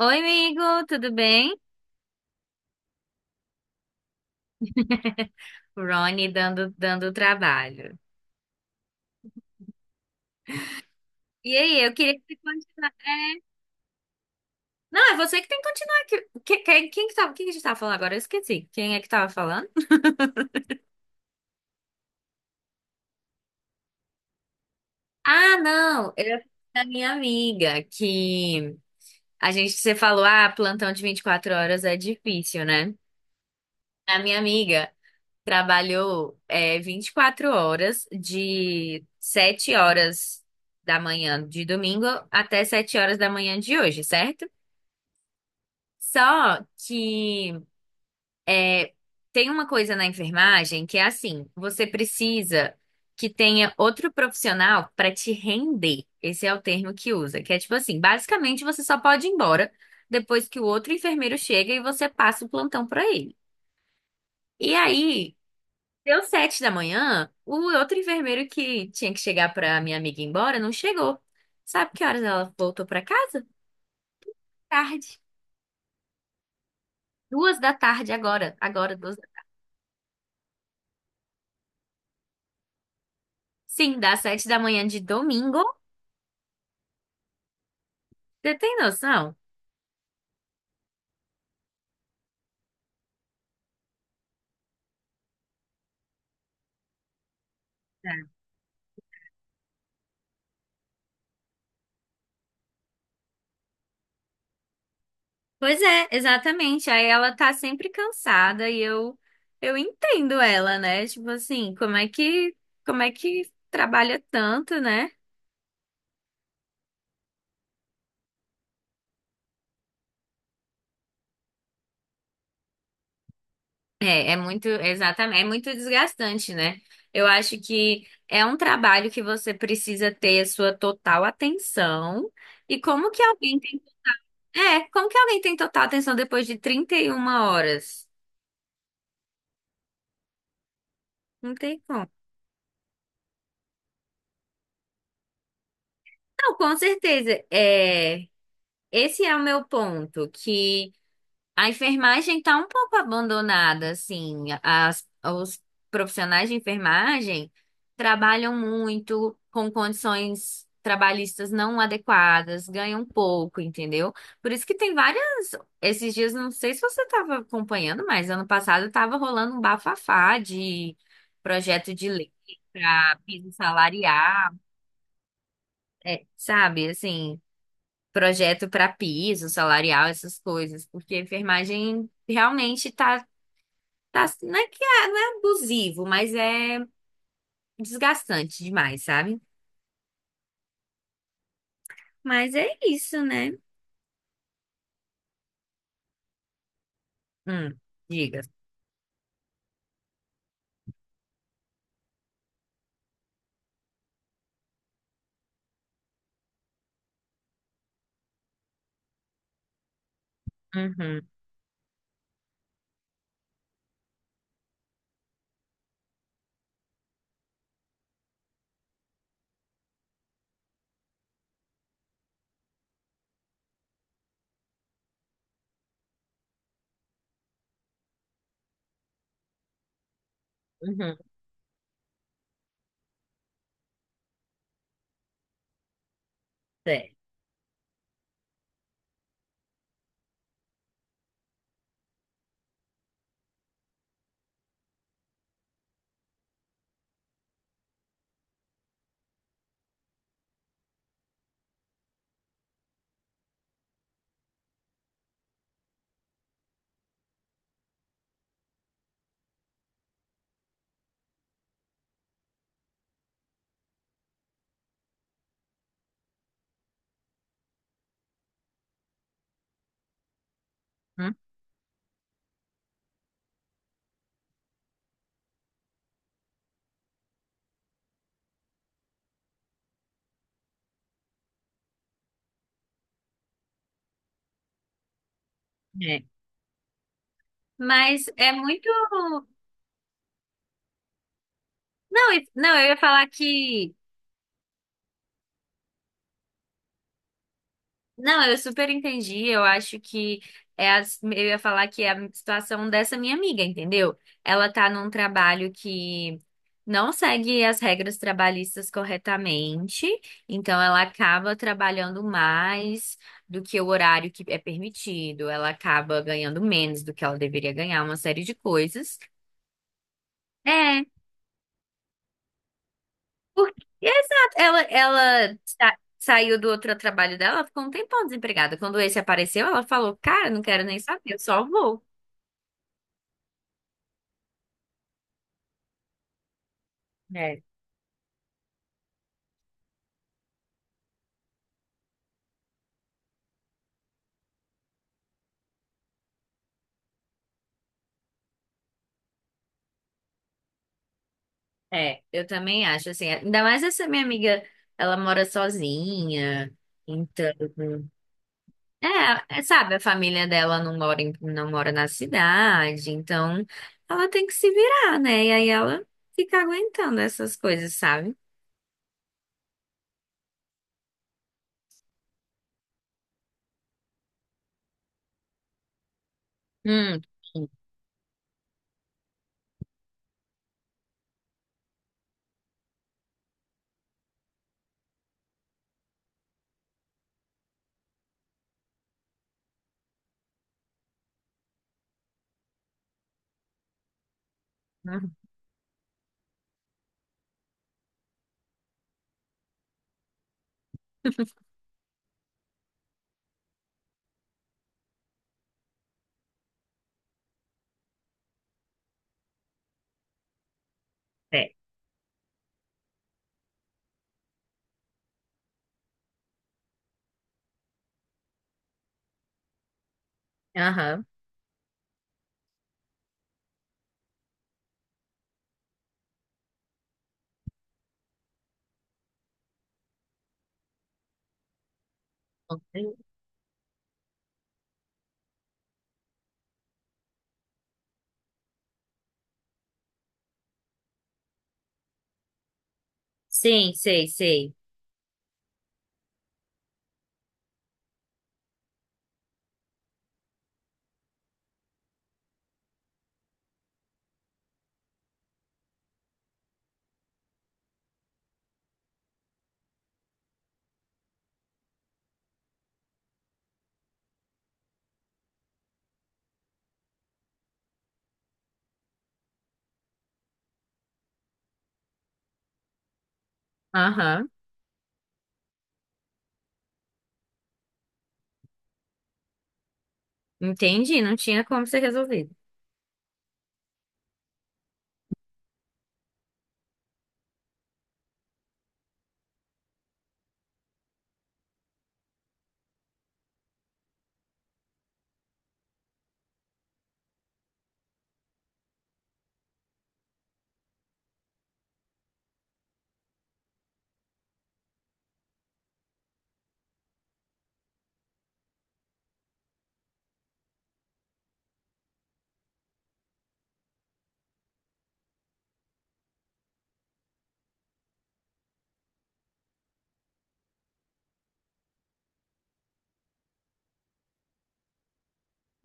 Oi, amigo, tudo bem? Rony dando trabalho. E aí, eu queria que você continuasse. É. Não, é você que tem que continuar aqui. Quem que tava, quem que a gente tava falando agora? Eu esqueci. Quem é que tava falando? Ah, não, era da minha amiga, que a gente, você falou, ah, plantão de 24 horas é difícil, né? A minha amiga trabalhou 24 horas, de 7 horas da manhã de domingo até 7 horas da manhã de hoje, certo? Só que é, tem uma coisa na enfermagem que é assim, você precisa que tenha outro profissional para te render. Esse é o termo que usa, que é tipo assim, basicamente você só pode ir embora depois que o outro enfermeiro chega e você passa o plantão para ele. E aí, deu 7 da manhã, o outro enfermeiro que tinha que chegar para minha amiga ir embora não chegou. Sabe que horas ela voltou para casa? Tarde. Duas da tarde agora, agora duas. Sim, das 7 da manhã de domingo. Você tem noção? É. Pois é, exatamente. Aí ela tá sempre cansada e eu entendo ela, né? Tipo assim, como é que trabalha tanto, né? É, é muito, exatamente, é muito desgastante, né? Eu acho que é um trabalho que você precisa ter a sua total atenção. E como que alguém tem, é, como que alguém tem total atenção depois de 31 horas? Não tem como. Não, com certeza. É, esse é o meu ponto, que a enfermagem está um pouco abandonada, assim. Os profissionais de enfermagem trabalham muito com condições trabalhistas não adequadas, ganham pouco, entendeu? Por isso que tem várias. Esses dias, não sei se você estava acompanhando, mas ano passado estava rolando um bafafá de projeto de lei para piso salarial, é, sabe, assim projeto para piso, salarial, essas coisas, porque a enfermagem realmente tá, não é que é, não é abusivo, mas é desgastante demais, sabe? Mas é isso, né? Hum, diga. Uhum, uhum, é, hum, é. Mas é muito. Não, eu ia falar que. Não, eu super entendi. Eu acho que eu ia falar que é a situação dessa minha amiga, entendeu? Ela tá num trabalho que não segue as regras trabalhistas corretamente, então ela acaba trabalhando mais do que o horário que é permitido, ela acaba ganhando menos do que ela deveria ganhar, uma série de coisas. É. Porque, exato, ela saiu do outro trabalho dela, ela ficou um tempão desempregada. Quando esse apareceu, ela falou, cara, não quero nem saber, eu só vou. É. É, eu também acho, assim, ainda mais essa minha amiga, ela mora sozinha, então, sabe, a família dela não mora na cidade, então ela tem que se virar, né? E aí ela fica aguentando essas coisas, sabe? Hum, sim. Uhum. É. Aham. Sim, sei, sei. Aham, entendi, não tinha como ser resolvido.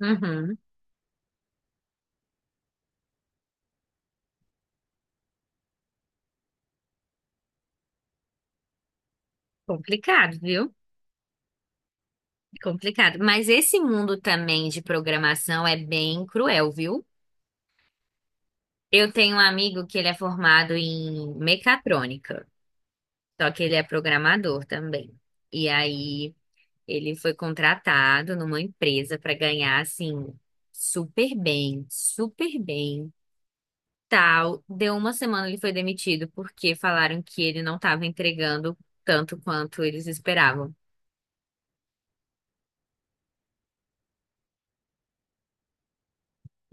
Uhum, complicado, viu? Complicado. Mas esse mundo também de programação é bem cruel, viu? Eu tenho um amigo que ele é formado em mecatrônica, só que ele é programador também. E aí ele foi contratado numa empresa para ganhar assim super bem, super bem. Tal, deu uma semana ele foi demitido porque falaram que ele não estava entregando tanto quanto eles esperavam.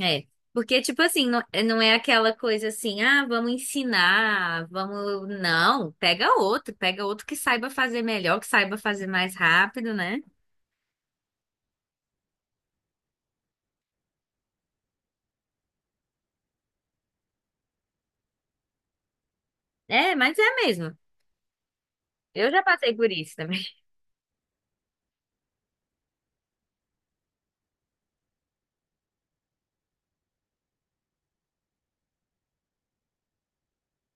É, porque, tipo assim, não, não é aquela coisa assim, ah, vamos ensinar, vamos. Não, pega outro que saiba fazer melhor, que saiba fazer mais rápido, né? É, mas é mesmo. Eu já passei por isso também.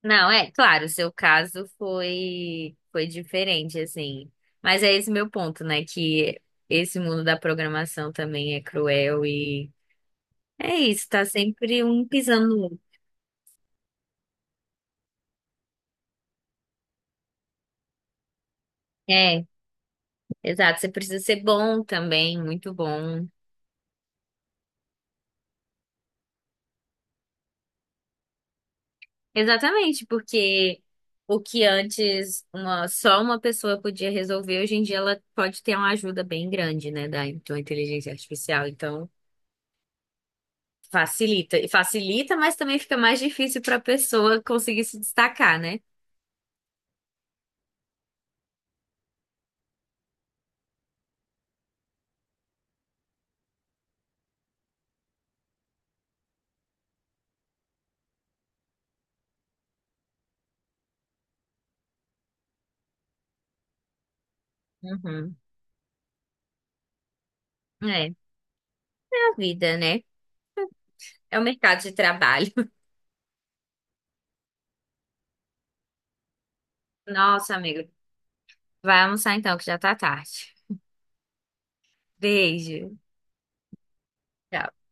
Não, é, claro, o seu caso foi, foi diferente, assim. Mas é esse meu ponto, né? Que esse mundo da programação também é cruel e é isso, tá sempre um pisando no outro. É, exato. Você precisa ser bom também, muito bom. Exatamente, porque o que antes só uma pessoa podia resolver, hoje em dia ela pode ter uma ajuda bem grande, né, da, de uma inteligência artificial. Então, facilita. E facilita, mas também fica mais difícil para a pessoa conseguir se destacar, né? Uhum. É, é a vida, né? É o mercado de trabalho. Nossa, amigo. Vai almoçar então, que já tá tarde. Beijo. Tchau.